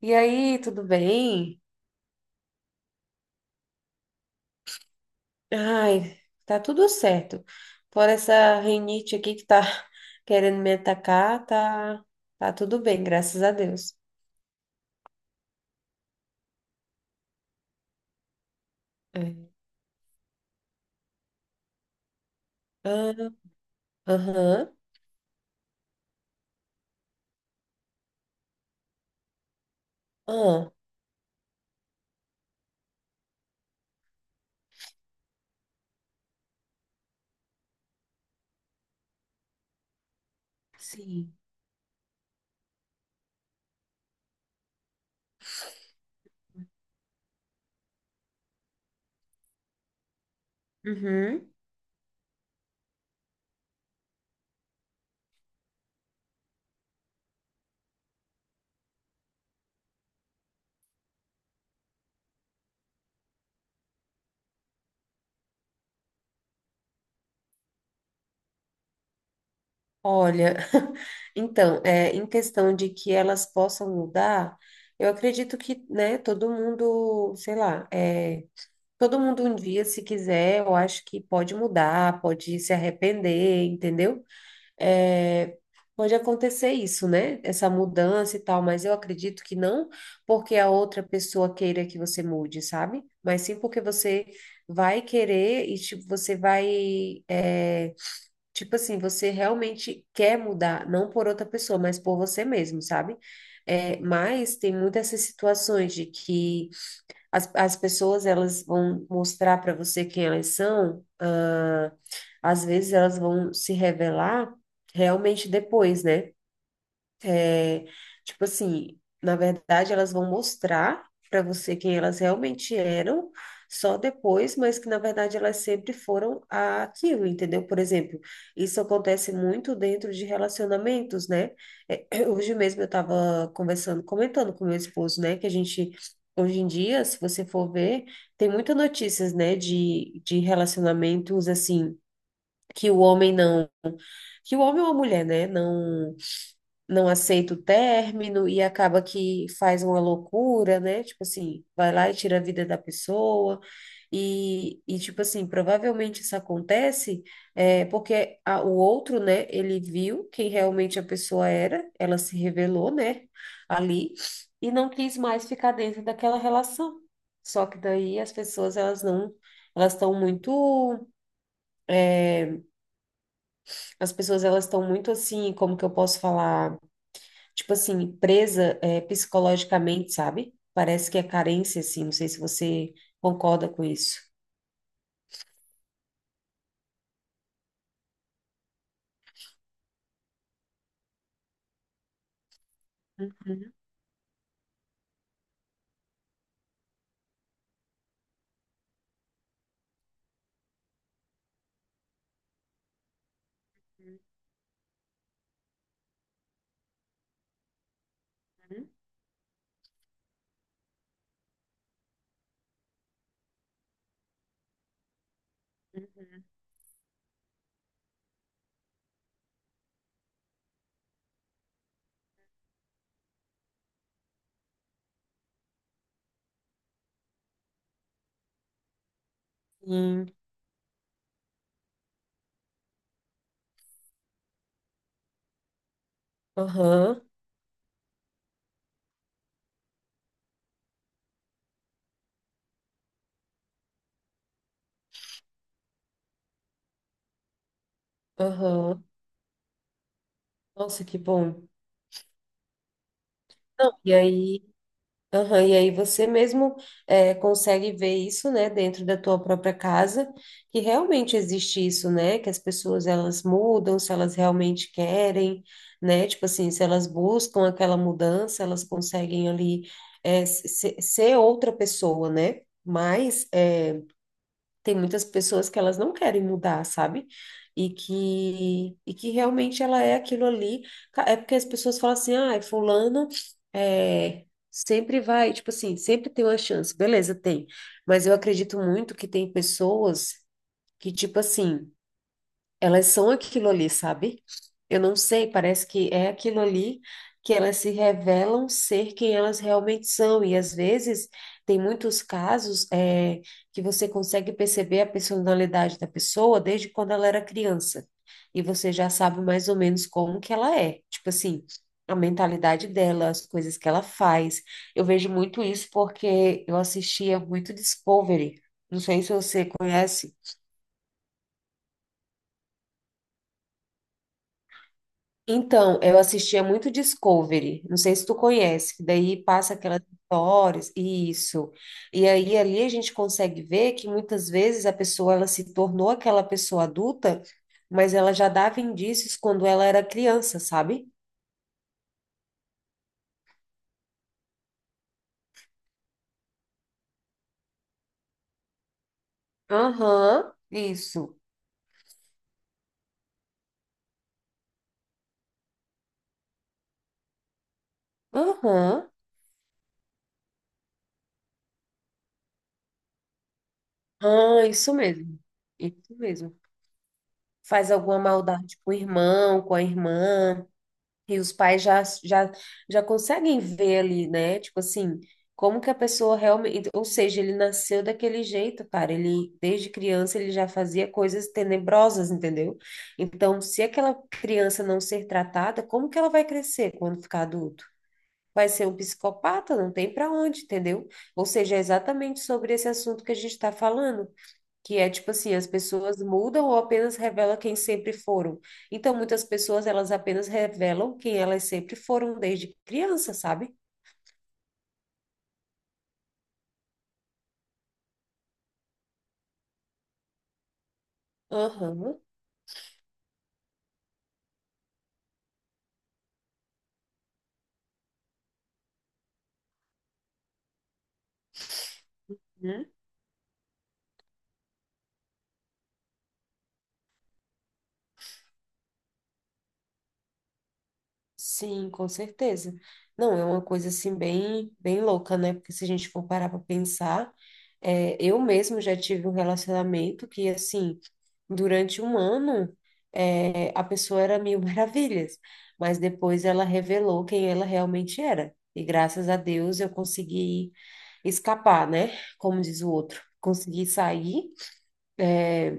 E aí, tudo bem? Ai, tá tudo certo. Por essa rinite aqui que tá querendo me atacar, tá, tá tudo bem, graças a Deus. É. Ah, aham, ah, sim. Uhum. Olha, então, em questão de que elas possam mudar, eu acredito que, né, todo mundo, sei lá, todo mundo um dia, se quiser, eu acho que pode mudar, pode se arrepender, entendeu? é, Pode acontecer isso, né? Essa mudança e tal, mas eu acredito que não porque a outra pessoa queira que você mude, sabe? Mas sim porque você vai querer e tipo, você vai, é, tipo assim, você realmente quer mudar, não por outra pessoa, mas por você mesmo, sabe? É, mas tem muitas essas situações de que as pessoas, elas vão mostrar para você quem elas são, ah, às vezes elas vão se revelar realmente depois, né? É, tipo assim, na verdade, elas vão mostrar para você quem elas realmente eram só depois, mas que na verdade elas sempre foram aquilo, entendeu? Por exemplo, isso acontece muito dentro de relacionamentos, né? É, hoje mesmo eu estava conversando, comentando com meu esposo, né, que a gente. Hoje em dia, se você for ver, tem muitas notícias, né, de relacionamentos, assim, que o homem não, que o homem ou a mulher, né, não aceita o término e acaba que faz uma loucura, né? Tipo assim, vai lá e tira a vida da pessoa. E tipo assim, provavelmente isso acontece porque o outro, né, ele viu quem realmente a pessoa era, ela se revelou, né, ali, e não quis mais ficar dentro daquela relação. Só que daí as pessoas, elas não, elas estão muito, as pessoas, elas estão muito assim, como que eu posso falar? Tipo assim, presa psicologicamente, sabe? Parece que é carência, assim, não sei se você concorda com isso. Uhum, uhum, uhum. Sim, aham, aham. Nossa, que bom. Não, e aí. Aham, e aí você mesmo consegue ver isso, né, dentro da tua própria casa, que realmente existe isso, né, que as pessoas elas mudam se elas realmente querem, né, tipo assim, se elas buscam aquela mudança, elas conseguem ali ser outra pessoa, né, mas tem muitas pessoas que elas não querem mudar, sabe? E que realmente ela é aquilo ali. É porque as pessoas falam assim, ah, fulano sempre vai, tipo assim, sempre tem uma chance. Beleza, tem. Mas eu acredito muito que tem pessoas que, tipo assim, elas são aquilo ali, sabe? Eu não sei, parece que é aquilo ali que elas se revelam ser quem elas realmente são. E às vezes tem muitos casos que você consegue perceber a personalidade da pessoa desde quando ela era criança. E você já sabe mais ou menos como que ela é. Tipo assim, a mentalidade dela, as coisas que ela faz. Eu vejo muito isso porque eu assistia muito Discovery. Não sei se você conhece. Então, eu assistia muito Discovery, não sei se tu conhece, que daí passa aquelas histórias, isso. E aí ali a gente consegue ver que muitas vezes a pessoa ela se tornou aquela pessoa adulta, mas ela já dava indícios quando ela era criança, sabe? Aham, isso. Aham. Ah, isso mesmo. Isso mesmo. Faz alguma maldade com o irmão, com a irmã. E os pais já conseguem ver ali, né? Tipo assim, como que a pessoa realmente. Ou seja, ele nasceu daquele jeito, cara. Ele, desde criança, ele já fazia coisas tenebrosas, entendeu? Então, se aquela criança não ser tratada, como que ela vai crescer quando ficar adulto? Vai ser um psicopata, não tem para onde, entendeu? Ou seja, é exatamente sobre esse assunto que a gente está falando que é tipo assim, as pessoas mudam ou apenas revelam quem sempre foram. Então, muitas pessoas, elas apenas revelam quem elas sempre foram desde criança, sabe? Aham. Hum. Sim, com certeza. Não, é uma coisa assim bem, bem louca, né? Porque se a gente for parar para pensar, eu mesmo já tive um relacionamento que assim, durante um ano, a pessoa era mil maravilhas, mas depois ela revelou quem ela realmente era. E graças a Deus eu consegui escapar, né? Como diz o outro, conseguir sair é,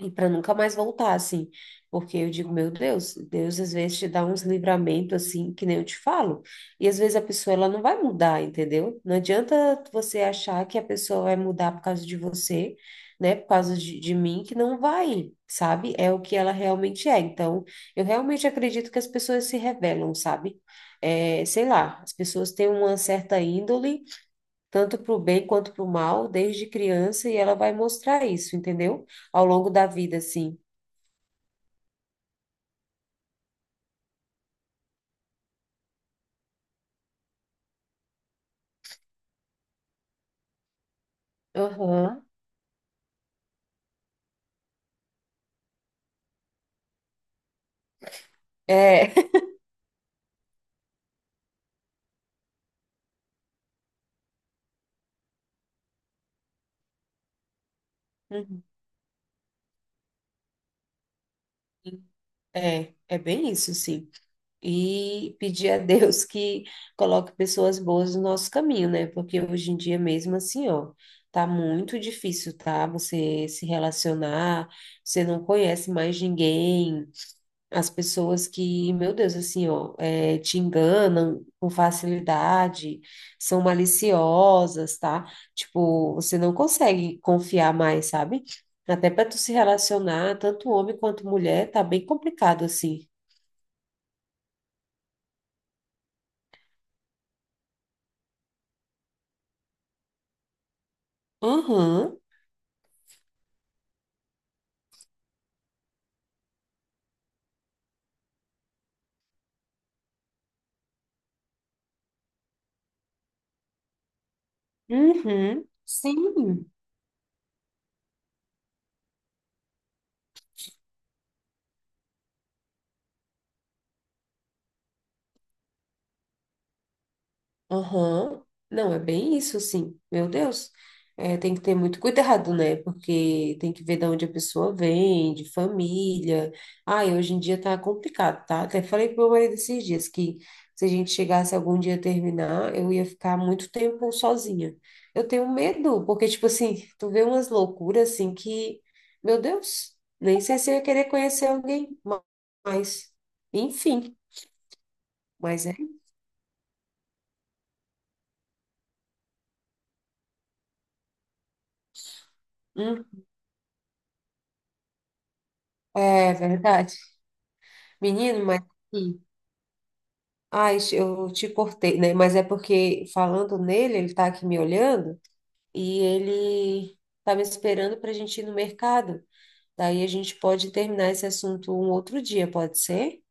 e para nunca mais voltar, assim. Porque eu digo, meu Deus, Deus às vezes te dá uns livramentos assim, que nem eu te falo. E às vezes a pessoa ela não vai mudar, entendeu? Não adianta você achar que a pessoa vai mudar por causa de você, né? Por causa de mim, que não vai, sabe? É o que ela realmente é. Então, eu realmente acredito que as pessoas se revelam, sabe? É, sei lá, as pessoas têm uma certa índole tanto para o bem quanto para o mal, desde criança, e ela vai mostrar isso, entendeu? Ao longo da vida, assim. Aham. É. Uhum. É, é bem isso, sim. E pedir a Deus que coloque pessoas boas no nosso caminho, né? Porque hoje em dia mesmo assim, ó, tá muito difícil, tá? Você se relacionar, você não conhece mais ninguém. As pessoas que, meu Deus, assim, ó, te enganam com facilidade, são maliciosas, tá? Tipo, você não consegue confiar mais, sabe? Até para tu se relacionar, tanto homem quanto mulher, tá bem complicado assim. Aham, uhum, sim. Aham. Não, é bem isso, assim. Meu Deus. É, tem que ter muito cuidado, né? Porque tem que ver de onde a pessoa vem, de família. Ai, hoje em dia tá complicado, tá? Até falei pro meu marido esses dias que se a gente chegasse algum dia a terminar, eu ia ficar muito tempo sozinha. Eu tenho medo, porque, tipo assim, tu vê umas loucuras assim que, meu Deus, nem sei se eu ia querer conhecer alguém mais. Enfim, mas é. Hum, é verdade. Menino, mas. Sim. Ai, eu te cortei, né? Mas é porque falando nele, ele tá aqui me olhando e ele tá me esperando para a gente ir no mercado. Daí a gente pode terminar esse assunto um outro dia, pode ser?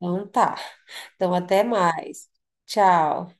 Então tá. Então até mais. Tchau.